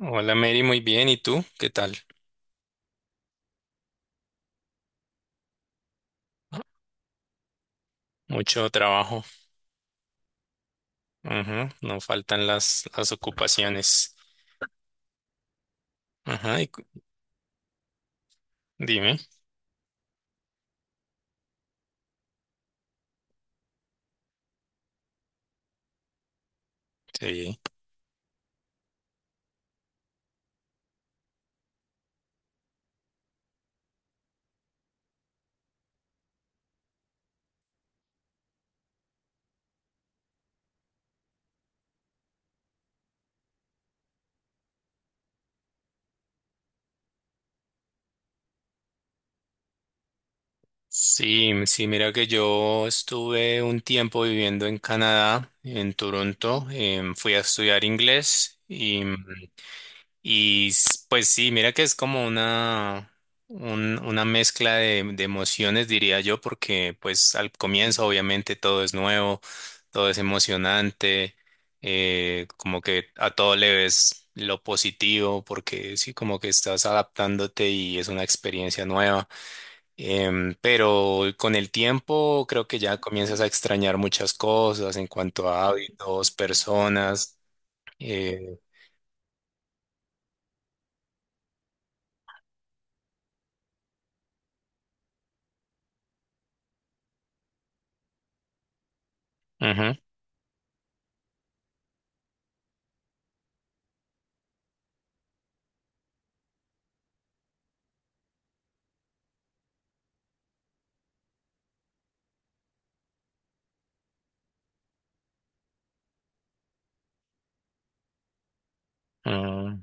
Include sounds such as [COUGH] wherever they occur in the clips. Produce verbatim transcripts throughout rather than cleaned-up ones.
Hola Mary, muy bien. ¿Y tú? ¿Qué tal? Mucho trabajo. Ajá, no faltan las, las ocupaciones. Ajá, y cu- dime. Sí. Sí, m- sí, mira que yo estuve un tiempo viviendo en Canadá, en Toronto. Em, fui a estudiar inglés y Y s- pues sí, mira que es como una, un- una mezcla de, de emociones, diría yo, porque pues al comienzo obviamente todo es nuevo, todo es emocionante, eh, como que a todo le ves lo positivo, porque sí, como que estás adaptándote y es una experiencia nueva. Em, pero con el tiempo creo que ya comienzas a extrañar muchas cosas en cuanto a hábitos, personas. Eh, ujú, mm.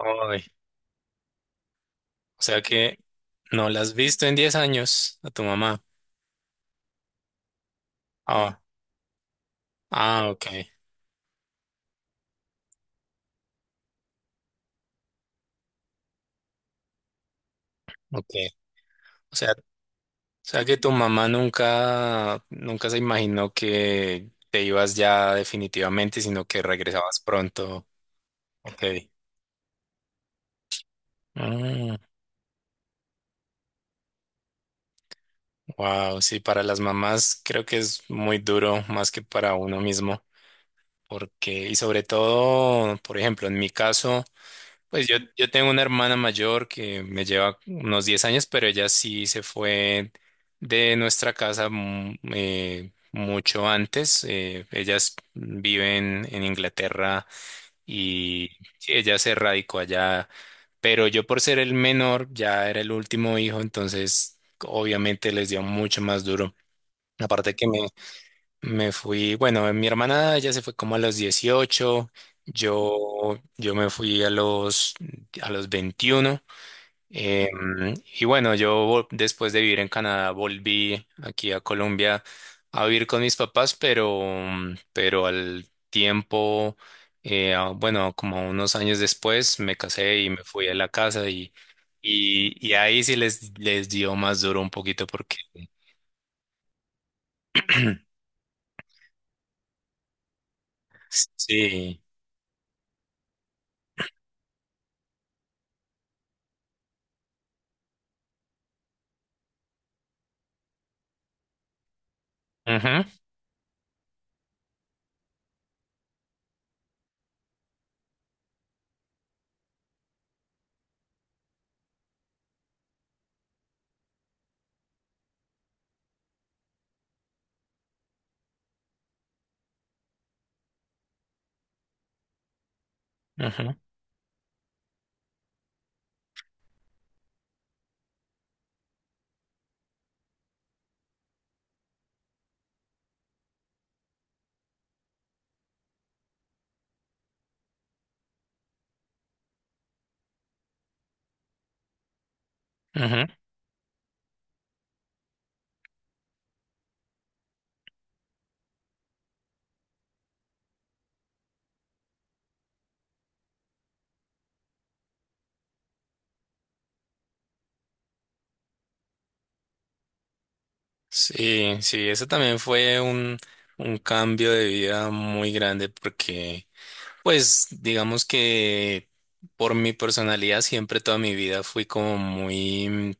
Ay, o sea que no la has visto en diez años a tu mamá. Ah, ah, ok, ok. O sea, o sea que tu mamá nunca, nunca se imaginó que te ibas ya definitivamente, sino que regresabas pronto. Ok. Wow, sí, para las mamás creo que es muy duro, más que para uno mismo. Porque, y sobre todo, por ejemplo, en mi caso. Pues yo, yo tengo una hermana mayor que me lleva unos diez años, pero ella sí se fue de nuestra casa mm, eh, mucho antes. Eh, ellas viven en en Inglaterra y ella se radicó allá, pero yo por ser el menor ya era el último hijo, entonces obviamente les dio mucho más duro. Aparte que me, Me fui, bueno, mi hermana ya se fue como a los dieciocho. yo, yo me fui a los, a los veintiuno. em, y bueno, yo vol- después de vivir en Canadá volví aquí a Colombia a vivir con mis papás, pero, mm, pero al tiempo, eh, a- bueno, como unos años después me casé y me fui a la casa y, y, y ahí sí les, les dio más duro un poquito porque [CLEARS THROAT] sí. Ujú, ujú. Ujú. Sí, sí, eso también fue un, un cambio de vida muy grande porque, pues, digamos que por mi personalidad siempre toda mi vida fui como muy, mm,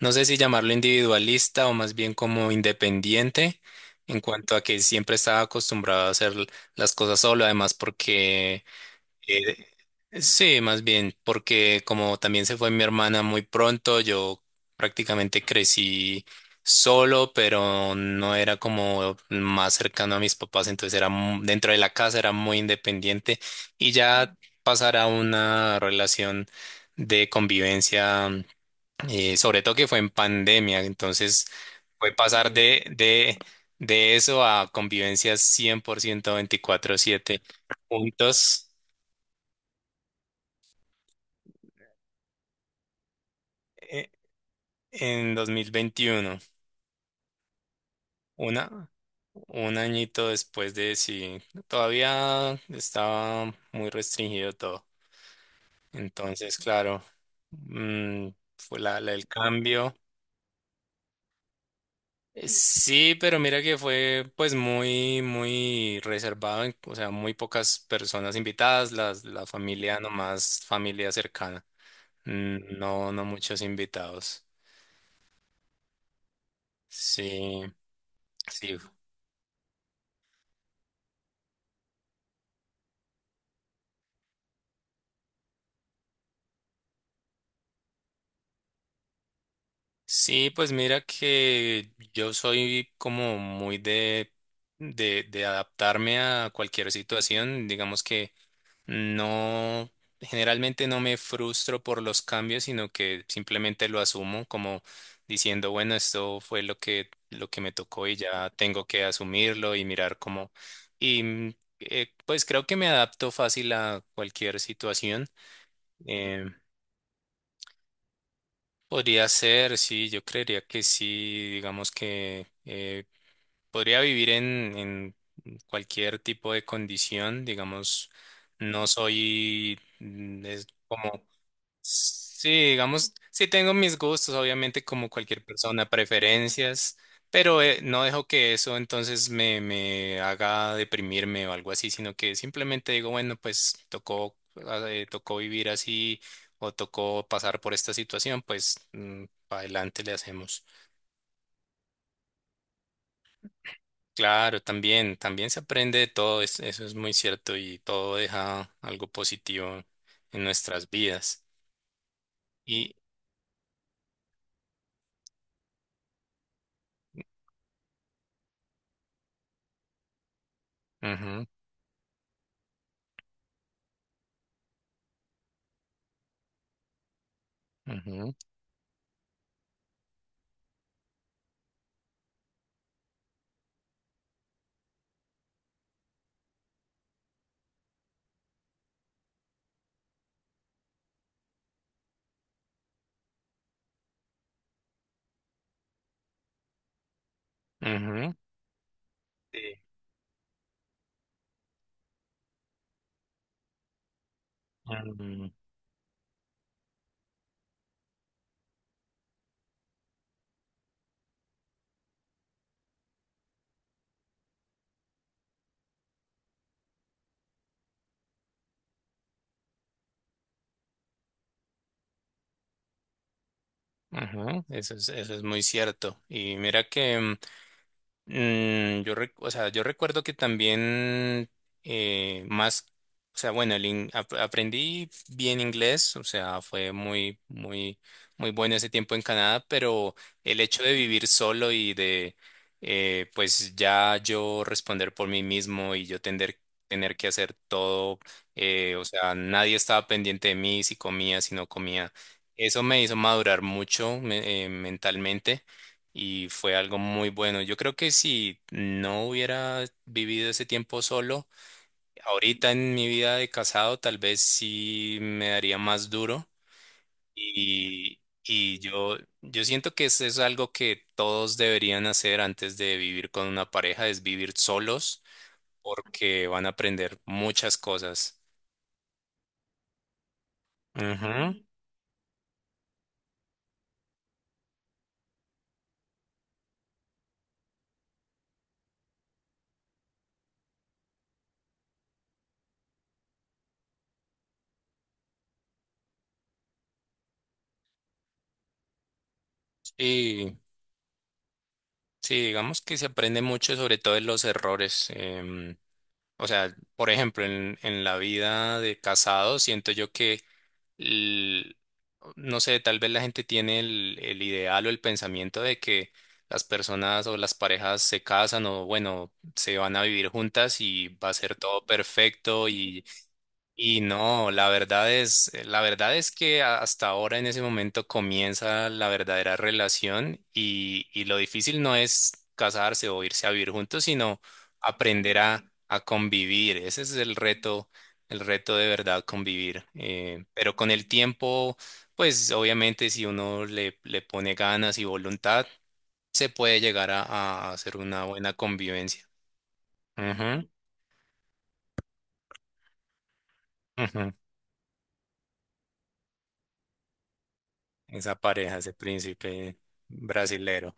no sé si llamarlo individualista o más bien como independiente en cuanto a que siempre estaba acostumbrado a hacer las cosas solo, además porque Eh, sí, más bien, porque como también se fue mi hermana muy pronto, yo prácticamente crecí solo, pero no era como más cercano a mis papás, entonces era mu- dentro de la casa, era muy independiente y ya pasar a una relación de convivencia, eh, sobre todo que fue en pandemia, entonces fue pasar de, de, de eso a convivencia cien por ciento veinticuatro siete juntos. eh, en dos mil veintiuno, una, un añito después de sí, todavía estaba muy restringido todo. Entonces, claro, mm, fue la, la- el cambio. Eh, Sí, pero mira que fue pues muy, muy reservado, en- o sea, muy pocas personas invitadas, las, la familia nomás, familia cercana. Mm, No, no muchos invitados. Sí, sí, sí, pues mira que yo soy como muy de, de, de adaptarme a cualquier situación. Digamos que no, generalmente no me frustro por los cambios, sino que simplemente lo asumo como diciendo, bueno, esto fue lo que, lo que me tocó y ya tengo que asumirlo y mirar cómo. Y mm, eh, pues creo que me adapto fácil a cualquier situación. em, Podría ser, sí, yo creería que sí, digamos que eh, podría vivir en, en cualquier tipo de condición, digamos, no soy mm, es como. Sí, digamos, sí tengo mis gustos, obviamente como cualquier persona, preferencias, pero eh, no dejo que eso entonces me, me haga deprimirme o algo así, sino que simplemente digo, bueno, pues tocó, eh, tocó vivir así o tocó pasar por esta situación, pues mm, para adelante le hacemos. Claro, también, también se aprende de todo, es- eso es muy cierto y todo deja algo positivo en nuestras vidas. Y, ujú, ujú, ujú. Sí. Mm, Ajá, eso es, eso es muy cierto. Y mira que mm, Mm, yo, rec- o sea, yo recuerdo que también eh, más, o sea, bueno, el in- ap- aprendí bien inglés, o sea, fue muy, muy, muy bueno ese tiempo en Canadá, pero el hecho de vivir solo y de, eh, pues ya yo responder por mí mismo y yo tener, tener que hacer todo, eh, o sea, nadie estaba pendiente de mí si comía, si no comía. Eso me hizo madurar mucho me- eh, mentalmente y fue algo muy bueno. Yo creo que si no hubiera vivido ese tiempo solo, ahorita en mi vida de casado tal vez sí me daría más duro y, y yo, yo siento que eso es algo que todos deberían hacer antes de vivir con una pareja, es vivir solos porque van a aprender muchas cosas. Ujú. Y sí, digamos que se aprende mucho sobre todo de los errores. em, O sea, por ejemplo, en, en la vida de casado, siento yo que, el- no sé, tal vez la gente tiene el, el ideal o el pensamiento de que las personas o las parejas se casan o, bueno, se van a vivir juntas y va a ser todo perfecto y no, la verdad es, eh, la verdad es que a- hasta ahora en ese momento comienza la verdadera relación y, y lo difícil no es casarse o irse a vivir juntos, sino aprender a, a convivir. Ese es el reto, el reto de verdad, convivir. Eh, pero con el tiempo, pues obviamente si uno le, le pone ganas y voluntad, se puede llegar a, a hacer una buena convivencia. Ujú, ujú. Esa pareja, ese príncipe brasilero.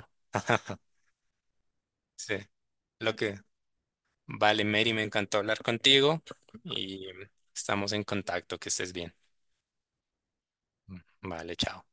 Sí, lo que vale, Mary, me encantó hablar contigo y estamos en contacto, que estés bien. Vale, chao.